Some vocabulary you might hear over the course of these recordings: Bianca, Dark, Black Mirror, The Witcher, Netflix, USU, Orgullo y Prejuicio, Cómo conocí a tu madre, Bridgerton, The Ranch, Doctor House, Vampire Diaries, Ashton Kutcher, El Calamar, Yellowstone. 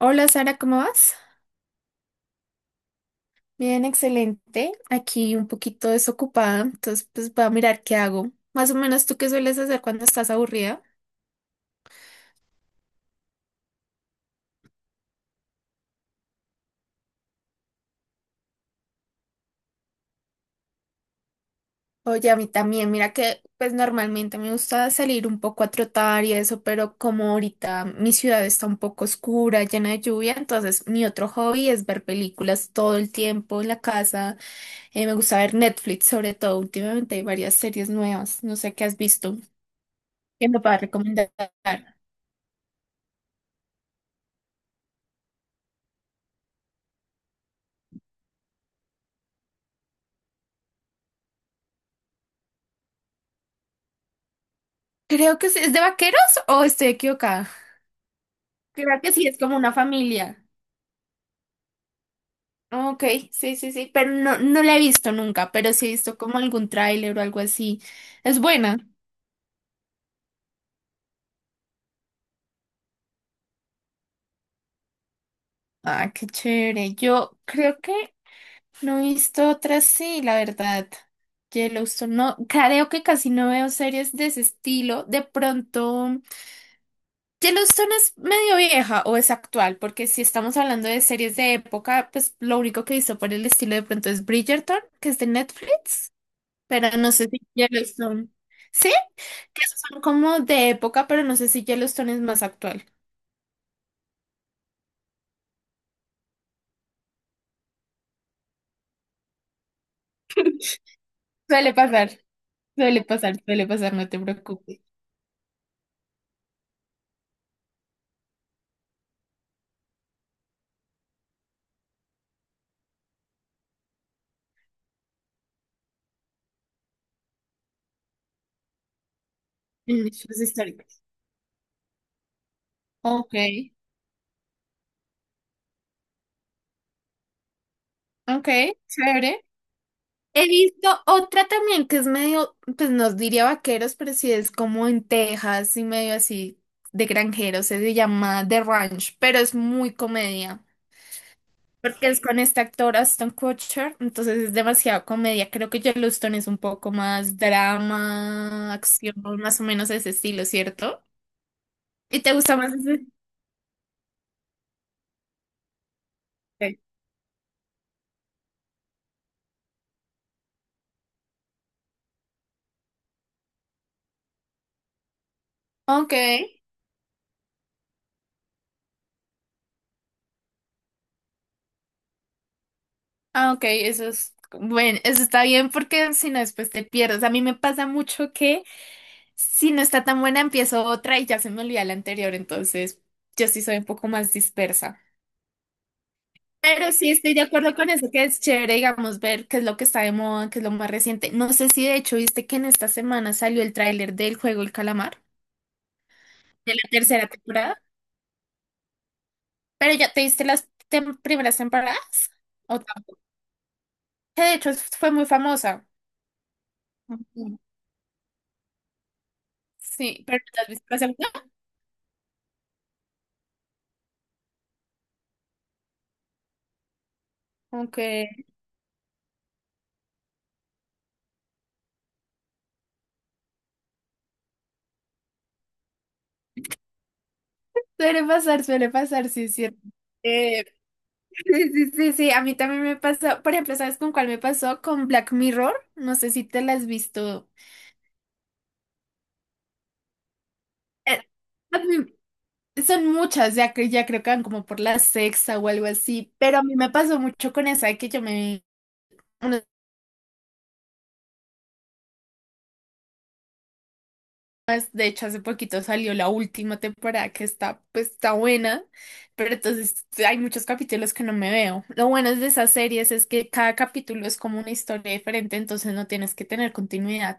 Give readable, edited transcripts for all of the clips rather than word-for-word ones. Hola Sara, ¿cómo vas? Bien, excelente. Aquí un poquito desocupada, entonces pues voy a mirar qué hago. Más o menos tú qué sueles hacer cuando estás aburrida. Oye, a mí también, mira que pues normalmente me gusta salir un poco a trotar y eso, pero como ahorita mi ciudad está un poco oscura, llena de lluvia, entonces mi otro hobby es ver películas todo el tiempo en la casa. Me gusta ver Netflix sobre todo, últimamente hay varias series nuevas, no sé qué has visto, ¿qué me a recomendar? Creo que sí. ¿Es de vaqueros o estoy equivocada? Creo que sí, es como una familia. Ok, sí, sí, sí, pero no, no la he visto nunca, pero sí he visto como algún tráiler o algo así. Es buena. Ah, qué chévere. Yo creo que no he visto otras, sí, la verdad. Yellowstone, no, creo que casi no veo series de ese estilo. De pronto. Yellowstone es medio vieja o es actual, porque si estamos hablando de series de época, pues lo único que hizo por el estilo de pronto es Bridgerton, que es de Netflix, pero no sé si Yellowstone. Sí, que esos son como de época, pero no sé si Yellowstone es más actual. Suele pasar, suele pasar, suele pasar, no te preocupes. En hechos históricos. Ok, ok, chévere. He visto otra también que es medio, pues nos diría vaqueros, pero sí es como en Texas y medio así de granjeros, se llama The Ranch, pero es muy comedia, porque es con este actor Aston Kutcher, entonces es demasiado comedia. Creo que Yellowstone es un poco más drama, acción, más o menos ese estilo, ¿cierto? ¿Y te gusta más ese? Sí. Ok, ah, ok, eso es, bueno, eso está bien porque si no después te pierdes. A mí me pasa mucho que... Si no está tan buena, empiezo otra y ya se me olvida la anterior, entonces yo sí soy un poco más dispersa. Pero sí estoy de acuerdo con eso, que es chévere, digamos, ver qué es lo que está de moda, qué es lo más reciente. No sé si de hecho viste que en esta semana salió el tráiler del juego El Calamar, de la tercera temporada, pero ya te viste las primeras temporadas, o tam- que de hecho fue muy famosa. Ujú. Sí, pero no, ¿te has visto la segunda? Aunque suele pasar, sí, es cierto. Sí, sí, sí, sí, a mí también me pasó, por ejemplo, ¿sabes con cuál me pasó? Con Black Mirror, no sé si te la has visto. Eh, a mí- Son muchas, ya, que ya creo que van como por la sexta o algo así, pero a mí me pasó mucho con esa de que yo me... una vez. De hecho, hace poquito salió la última temporada que está, pues, está buena, pero entonces hay muchos capítulos que no me veo. Lo bueno de esas series es que cada capítulo es como una historia diferente, entonces no tienes que tener continuidad.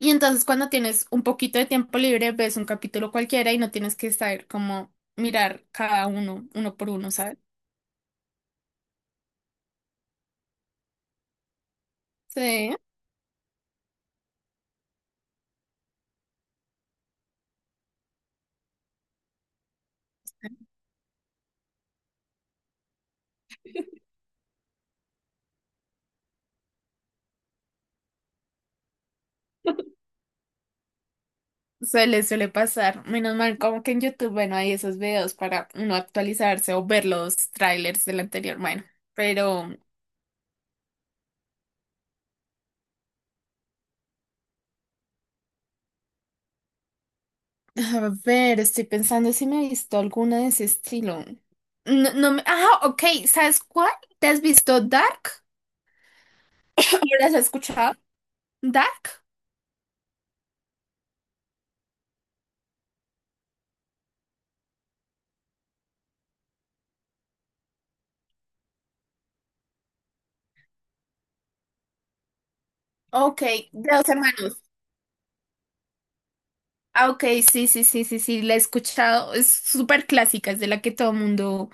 Y entonces cuando tienes un poquito de tiempo libre, ves un capítulo cualquiera y no tienes que saber cómo mirar cada uno, uno por uno, ¿sabes? Sí, suele pasar. Menos mal, como que en YouTube, bueno, hay esos videos para uno actualizarse o ver los trailers del anterior. Bueno, pero a ver, estoy pensando si me he visto alguna de ese estilo. No, no me... Ah, ok, ¿sabes cuál? ¿Te has visto Dark? ¿O las has escuchado? ¿Dark? Ok, de dos hermanos. Ah, ok, sí, sí, sí, sí, sí, la he escuchado, es súper clásica, es de la que todo mundo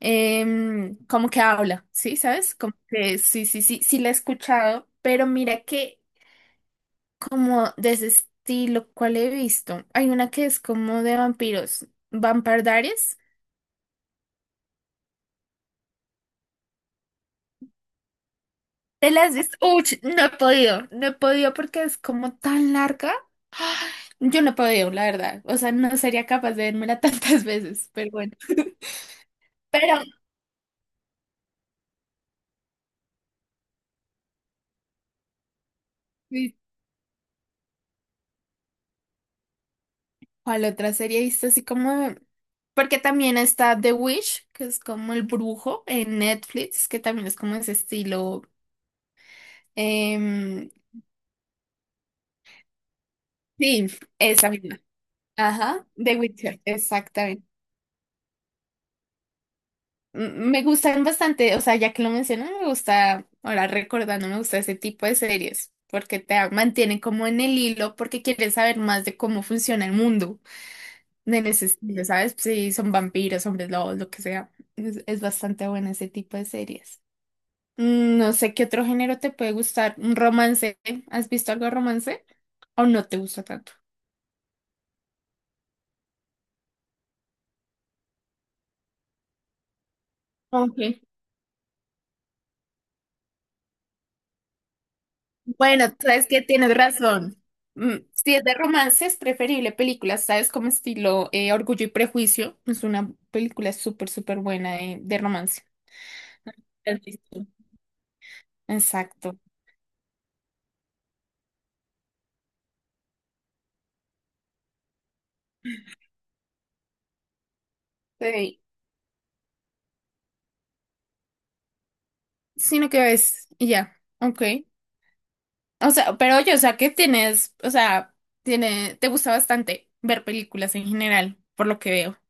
como que habla, ¿sí? ¿Sabes? Como que sí, sí, sí, sí la he escuchado, pero mira que como de ese estilo, ¿cuál he visto? Hay una que es como de vampiros, Vampire Diaries. ¿Te la has visto? Uy, no he podido, no he podido porque es como tan larga. Yo no he podido, la verdad. O sea, no sería capaz de vérmela tantas veces, pero bueno. Pero, sí, ¿cuál otra serie viste así como? Porque también está The Witch, que es como el brujo en Netflix, que también es como ese estilo. em, sí, esa misma. Ajá, The Witcher, exactamente. Me gustan bastante, o sea, ya que lo menciono, me gusta, ahora recordando, me gusta ese tipo de series, porque te mantienen como en el hilo, porque quieres saber más de cómo funciona el mundo, de ese estilo, ¿sabes? Si son vampiros, hombres lobos, lo que sea. Es bastante bueno ese tipo de series. No sé qué otro género te puede gustar. Un romance. ¿Has visto algo de romance? ¿O no te gusta tanto? Ok. Bueno, sabes que tienes razón. Si es de romance, es preferible películas, ¿sabes? Como estilo, Orgullo y Prejuicio. Es una película súper, súper buena de romance. ¿Has visto? Exacto. Sí. Sino que ves, y ya. Ok. O sea, pero oye, o sea, que tienes, o sea, tiene, te gusta bastante ver películas en general, por lo que veo.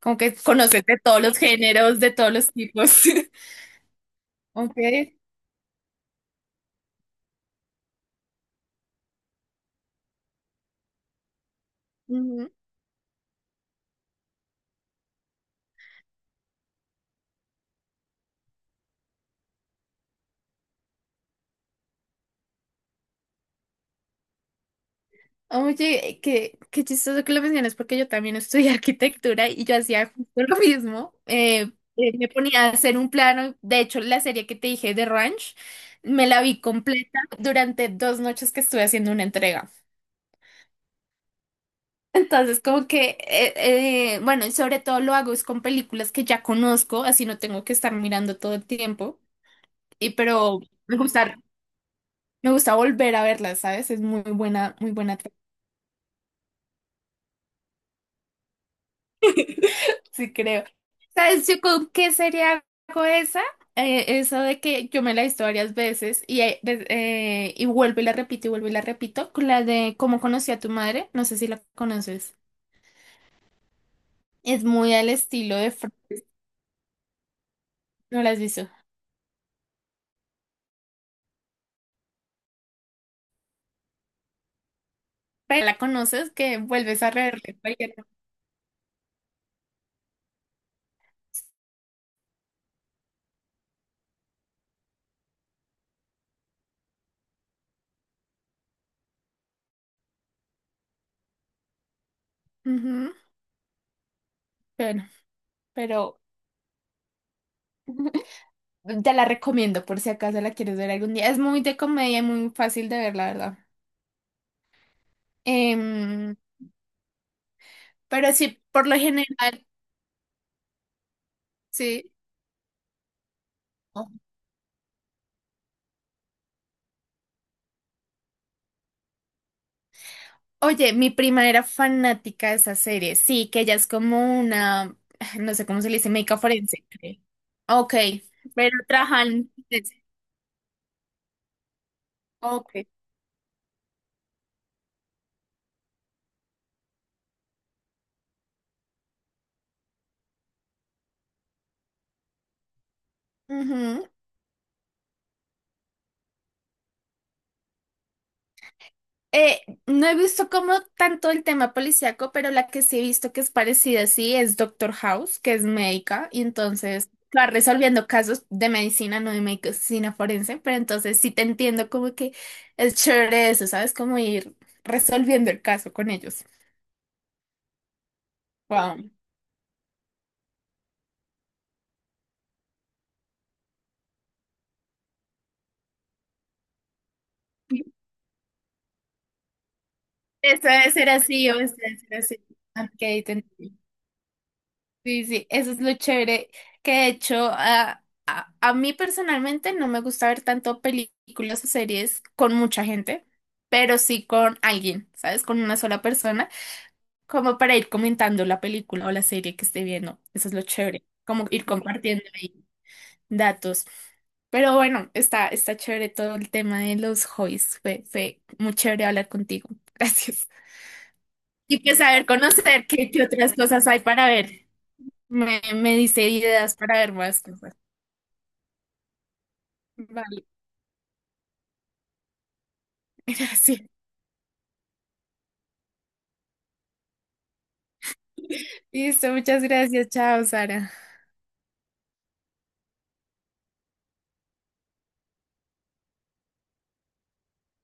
Como que conoces de todos los géneros, de todos los tipos. Ok. Ujú. Oye, qué chistoso que lo mencionas porque yo también estudié arquitectura y yo hacía justo lo mismo. Me ponía a hacer un plano. De hecho, la serie que te dije de Ranch, me la vi completa durante 2 noches que estuve haciendo una entrega. Entonces, como que, bueno, y sobre todo lo hago es con películas que ya conozco, así no tengo que estar mirando todo el tiempo. Y pero me gusta Me gusta volver a verla, ¿sabes? Es muy buena, muy buena. Sí, creo. ¿Sabes yo con qué sería hago esa? Eso de que yo me la he visto varias veces y vuelvo y la repito y vuelvo y la repito. Con la de Cómo conocí a tu madre, no sé si la conoces. Es muy al estilo de... No la has visto. Pero la conoces que vuelves a reverla. Cualquier. Ujú. Bueno, pero... Te la recomiendo por si acaso la quieres ver algún día. Es muy de comedia y muy fácil de ver, la verdad. Em, Pero sí, por lo general, sí. Oye, mi prima era fanática de esa serie. Sí, que ella es como una, no sé cómo se le dice, médica forense, creo. Ok, pero trabajan. Ok. Ujú. No he visto como tanto el tema policíaco, pero la que sí he visto que es parecida, sí, es Doctor House, que es médica, y entonces va resolviendo casos de medicina, no de medicina forense, pero entonces sí te entiendo como que es chévere eso, ¿sabes? Como ir resolviendo el caso con ellos. Wow. Eso debe ser así, o eso debe ser así. Ok, te entiendo. Sí, sí, eso es lo chévere. Que de hecho, a mí personalmente no me gusta ver tanto películas o series con mucha gente, pero sí con alguien, ¿sabes? Con una sola persona, como para ir comentando la película o la serie que esté viendo. Eso es lo chévere, como ir compartiendo ahí datos. Pero bueno, está chévere todo el tema de los hobbies. Fue muy chévere hablar contigo. Gracias. Y pues saber conocer qué otras cosas hay para ver. Me dice ideas para ver más cosas. Vale, gracias. Listo, muchas gracias. Chao, Sara.